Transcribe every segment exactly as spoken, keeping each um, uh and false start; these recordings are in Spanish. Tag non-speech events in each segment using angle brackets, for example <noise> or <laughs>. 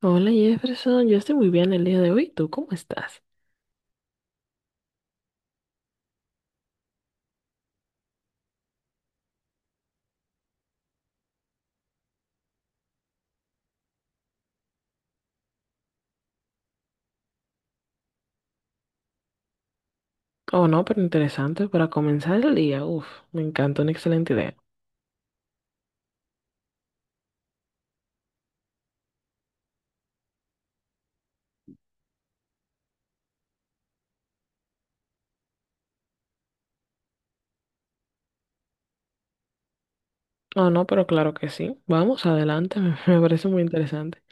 Hola Jefferson, yo estoy muy bien el día de hoy. ¿Tú cómo estás? Oh no, pero interesante para comenzar el día. Uf, me encanta, una excelente idea. Oh no, pero claro que sí. Vamos, adelante, <laughs> me, me parece muy interesante.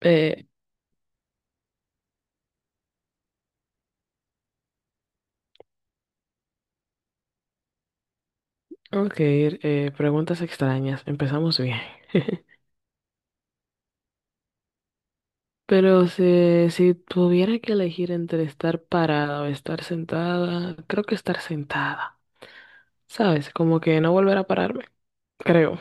Eh, ok, eh, preguntas extrañas. Empezamos bien. <laughs> Pero si, si tuviera que elegir entre estar parada o estar sentada, creo que estar sentada. ¿Sabes? Como que no volver a pararme, creo.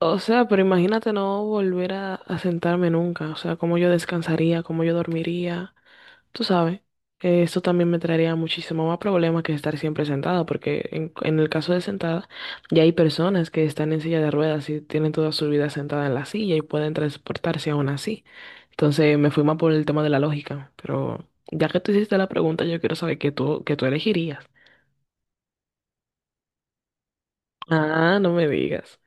O sea, pero imagínate no volver a, a sentarme nunca. O sea, cómo yo descansaría, cómo yo dormiría. Tú sabes, eh, eso también me traería muchísimo más problemas que estar siempre sentada, porque en, en el caso de sentada, ya hay personas que están en silla de ruedas y tienen toda su vida sentada en la silla y pueden transportarse aún así. Entonces me fui más por el tema de la lógica. Pero ya que tú hiciste la pregunta, yo quiero saber qué tú, qué tú elegirías. Ah, no me digas.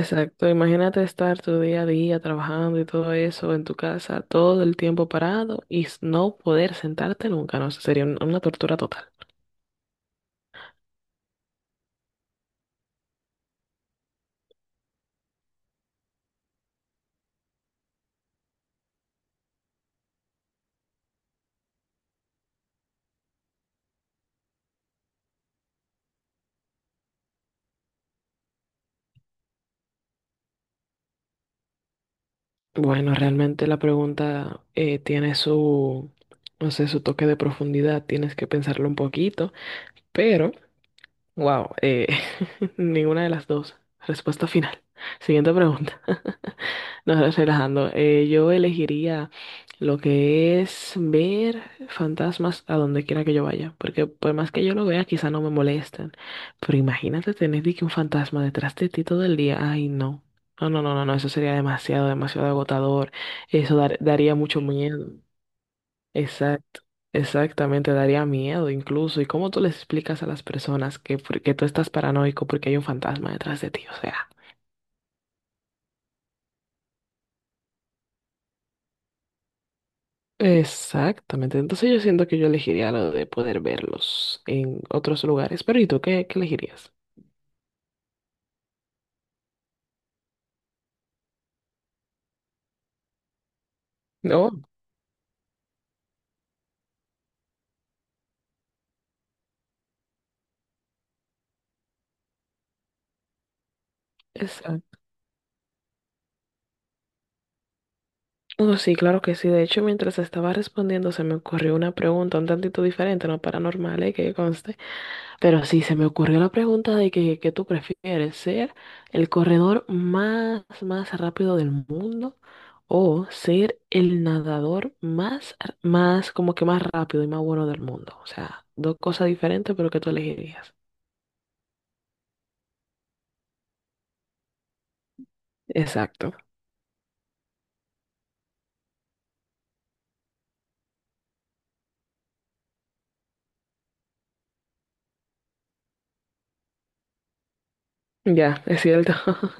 Exacto, imagínate estar tu día a día trabajando y todo eso en tu casa, todo el tiempo parado y s- no poder sentarte nunca, no, eso sería un- una tortura total. Bueno, realmente la pregunta eh, tiene su, no sé, su toque de profundidad, tienes que pensarlo un poquito, pero, wow, eh, <laughs> ninguna de las dos. Respuesta final. Siguiente pregunta. No, relajando. Eh, yo elegiría lo que es ver fantasmas a donde quiera que yo vaya, porque por más que yo lo vea, quizá no me molestan. Pero imagínate tener de que un fantasma detrás de ti todo el día. Ay, no. No, no, no, no, no, eso sería demasiado, demasiado agotador. Eso dar- daría mucho miedo. Exacto. Exactamente, daría miedo incluso. ¿Y cómo tú les explicas a las personas que, por- que tú estás paranoico porque hay un fantasma detrás de ti? O sea. Exactamente. Entonces yo siento que yo elegiría lo de poder verlos en otros lugares. Pero ¿y tú qué, qué elegirías? No, exacto. Oh, sí, claro que sí. De hecho, mientras estaba respondiendo, se me ocurrió una pregunta un tantito diferente, no paranormal, eh, que conste. Pero sí, se me ocurrió la pregunta de que, que tú prefieres ser el corredor más, más rápido del mundo o ser el nadador más, r- más, como que más rápido y más bueno del mundo. O sea, dos cosas diferentes, pero que tú elegirías. Exacto. Ya, es cierto. <laughs>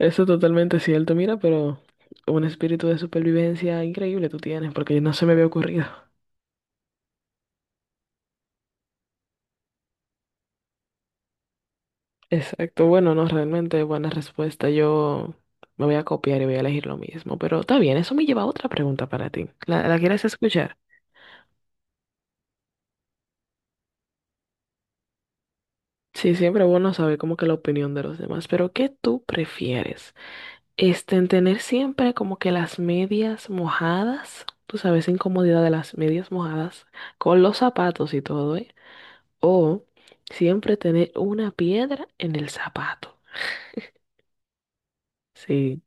Eso es totalmente cierto, mira, pero un espíritu de supervivencia increíble tú tienes, porque no se me había ocurrido. <laughs> Exacto, bueno, no, realmente buena respuesta. Yo me voy a copiar y voy a elegir lo mismo, pero está bien, eso me lleva a otra pregunta para ti. ¿La, la quieres escuchar? Sí, siempre es bueno saber como que la opinión de los demás, pero ¿qué tú prefieres? Este, en tener siempre como que las medias mojadas, tú sabes, incomodidad de las medias mojadas, con los zapatos y todo, ¿eh? O siempre tener una piedra en el zapato. Sí,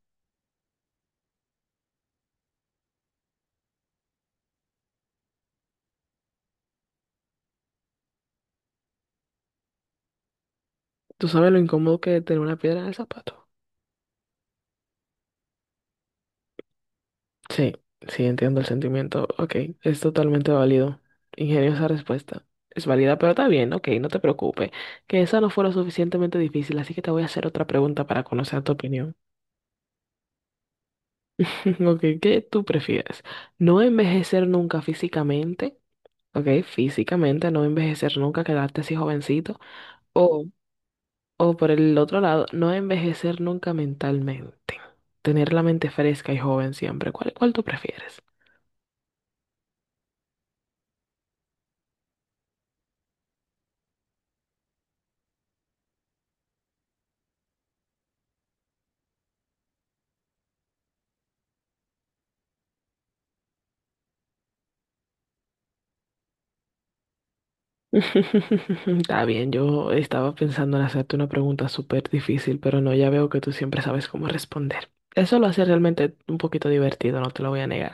¿tú sabes lo incómodo que es tener una piedra en el zapato? Sí, sí, entiendo el sentimiento. Ok, es totalmente válido. Ingeniosa respuesta. Es válida, pero está bien, ok, no te preocupes. Que esa no fue lo suficientemente difícil, así que te voy a hacer otra pregunta para conocer tu opinión. <laughs> Ok, ¿qué tú prefieres? ¿No envejecer nunca físicamente? Ok, físicamente, no envejecer nunca, quedarte así jovencito. O O por el otro lado, no envejecer nunca mentalmente. Tener la mente fresca y joven siempre. ¿Cuál, cuál tú prefieres? <laughs> Está bien, yo estaba pensando en hacerte una pregunta súper difícil, pero no, ya veo que tú siempre sabes cómo responder. Eso lo hace realmente un poquito divertido, no te lo voy a negar.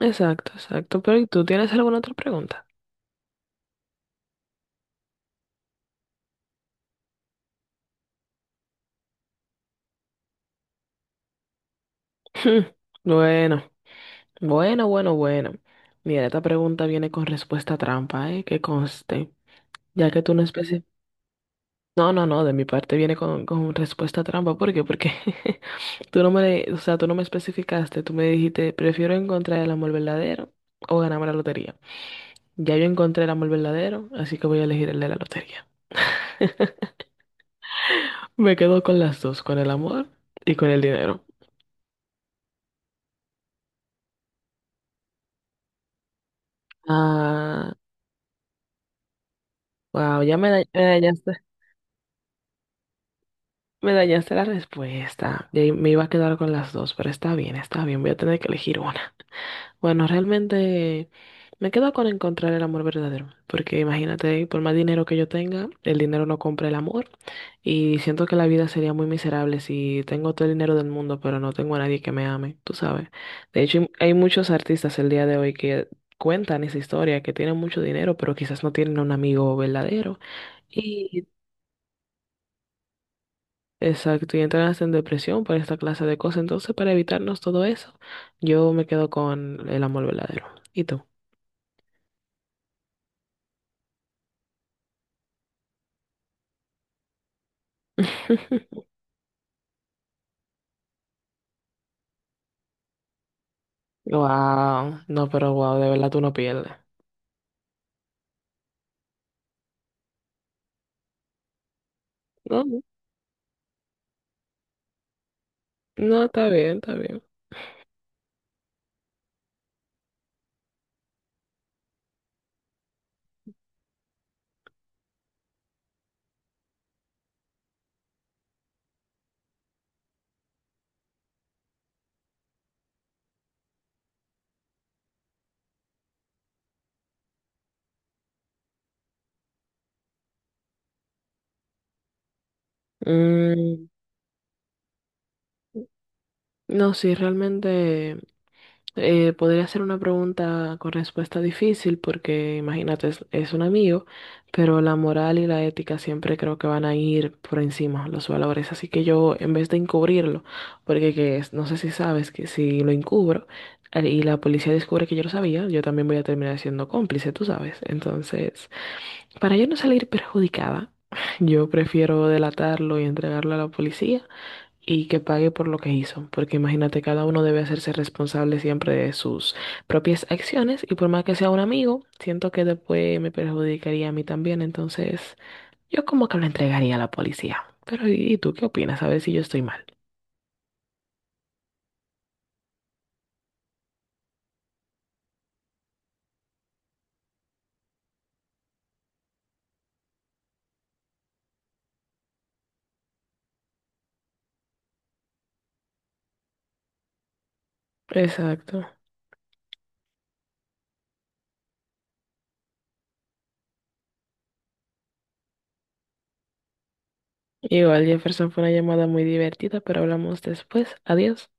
Exacto, exacto. Pero ¿y tú tienes alguna otra pregunta? <laughs> Hmm, Bueno, bueno, bueno, bueno. Mira, esta pregunta viene con respuesta trampa, ¿eh? Que conste. Ya que tú no especificas. No, no, no, de mi parte viene con, con respuesta trampa. ¿Por qué? Porque <laughs> tú no me, o sea, tú no me especificaste, tú me dijiste, prefiero encontrar el amor verdadero o ganarme la lotería. Ya yo encontré el amor verdadero, así que voy a elegir el de la lotería. Me quedo con las dos, con el amor y con el dinero. Ah, wow, ya me, da- me dañaste, me dañaste la respuesta. Y ahí me iba a quedar con las dos, pero está bien, está bien, voy a tener que elegir una. Bueno, realmente... me quedo con encontrar el amor verdadero, porque imagínate, por más dinero que yo tenga, el dinero no compra el amor y siento que la vida sería muy miserable si tengo todo el dinero del mundo, pero no tengo a nadie que me ame, tú sabes. De hecho, hay hay muchos artistas el día de hoy que cuentan esa historia, que tienen mucho dinero, pero quizás no tienen un amigo verdadero. Y exacto, y entran en depresión por esta clase de cosas. Entonces, para evitarnos todo eso, yo me quedo con el amor verdadero. ¿Y tú? <laughs> Wow, no, pero wow, de verdad tú no pierdes. No, no, está bien, está bien. Mm, no, sí, realmente eh, podría ser una pregunta con respuesta difícil porque imagínate, es, es un amigo, pero la moral y la ética siempre creo que van a ir por encima, los valores. Así que yo, en vez de encubrirlo, porque que es- no sé si sabes que si lo encubro eh, y la policía descubre que yo lo sabía, yo también voy a terminar siendo cómplice, tú sabes. Entonces... para yo no salir perjudicada, <laughs> yo prefiero delatarlo y entregarlo a la policía y que pague por lo que hizo, porque imagínate, cada uno debe hacerse responsable siempre de sus propias acciones y por más que sea un amigo, siento que después me perjudicaría a mí también, entonces yo como que lo entregaría a la policía. Pero ¿y y tú qué opinas? A ver si yo estoy mal. Exacto. Igual Jefferson fue una llamada muy divertida, pero hablamos después. Adiós.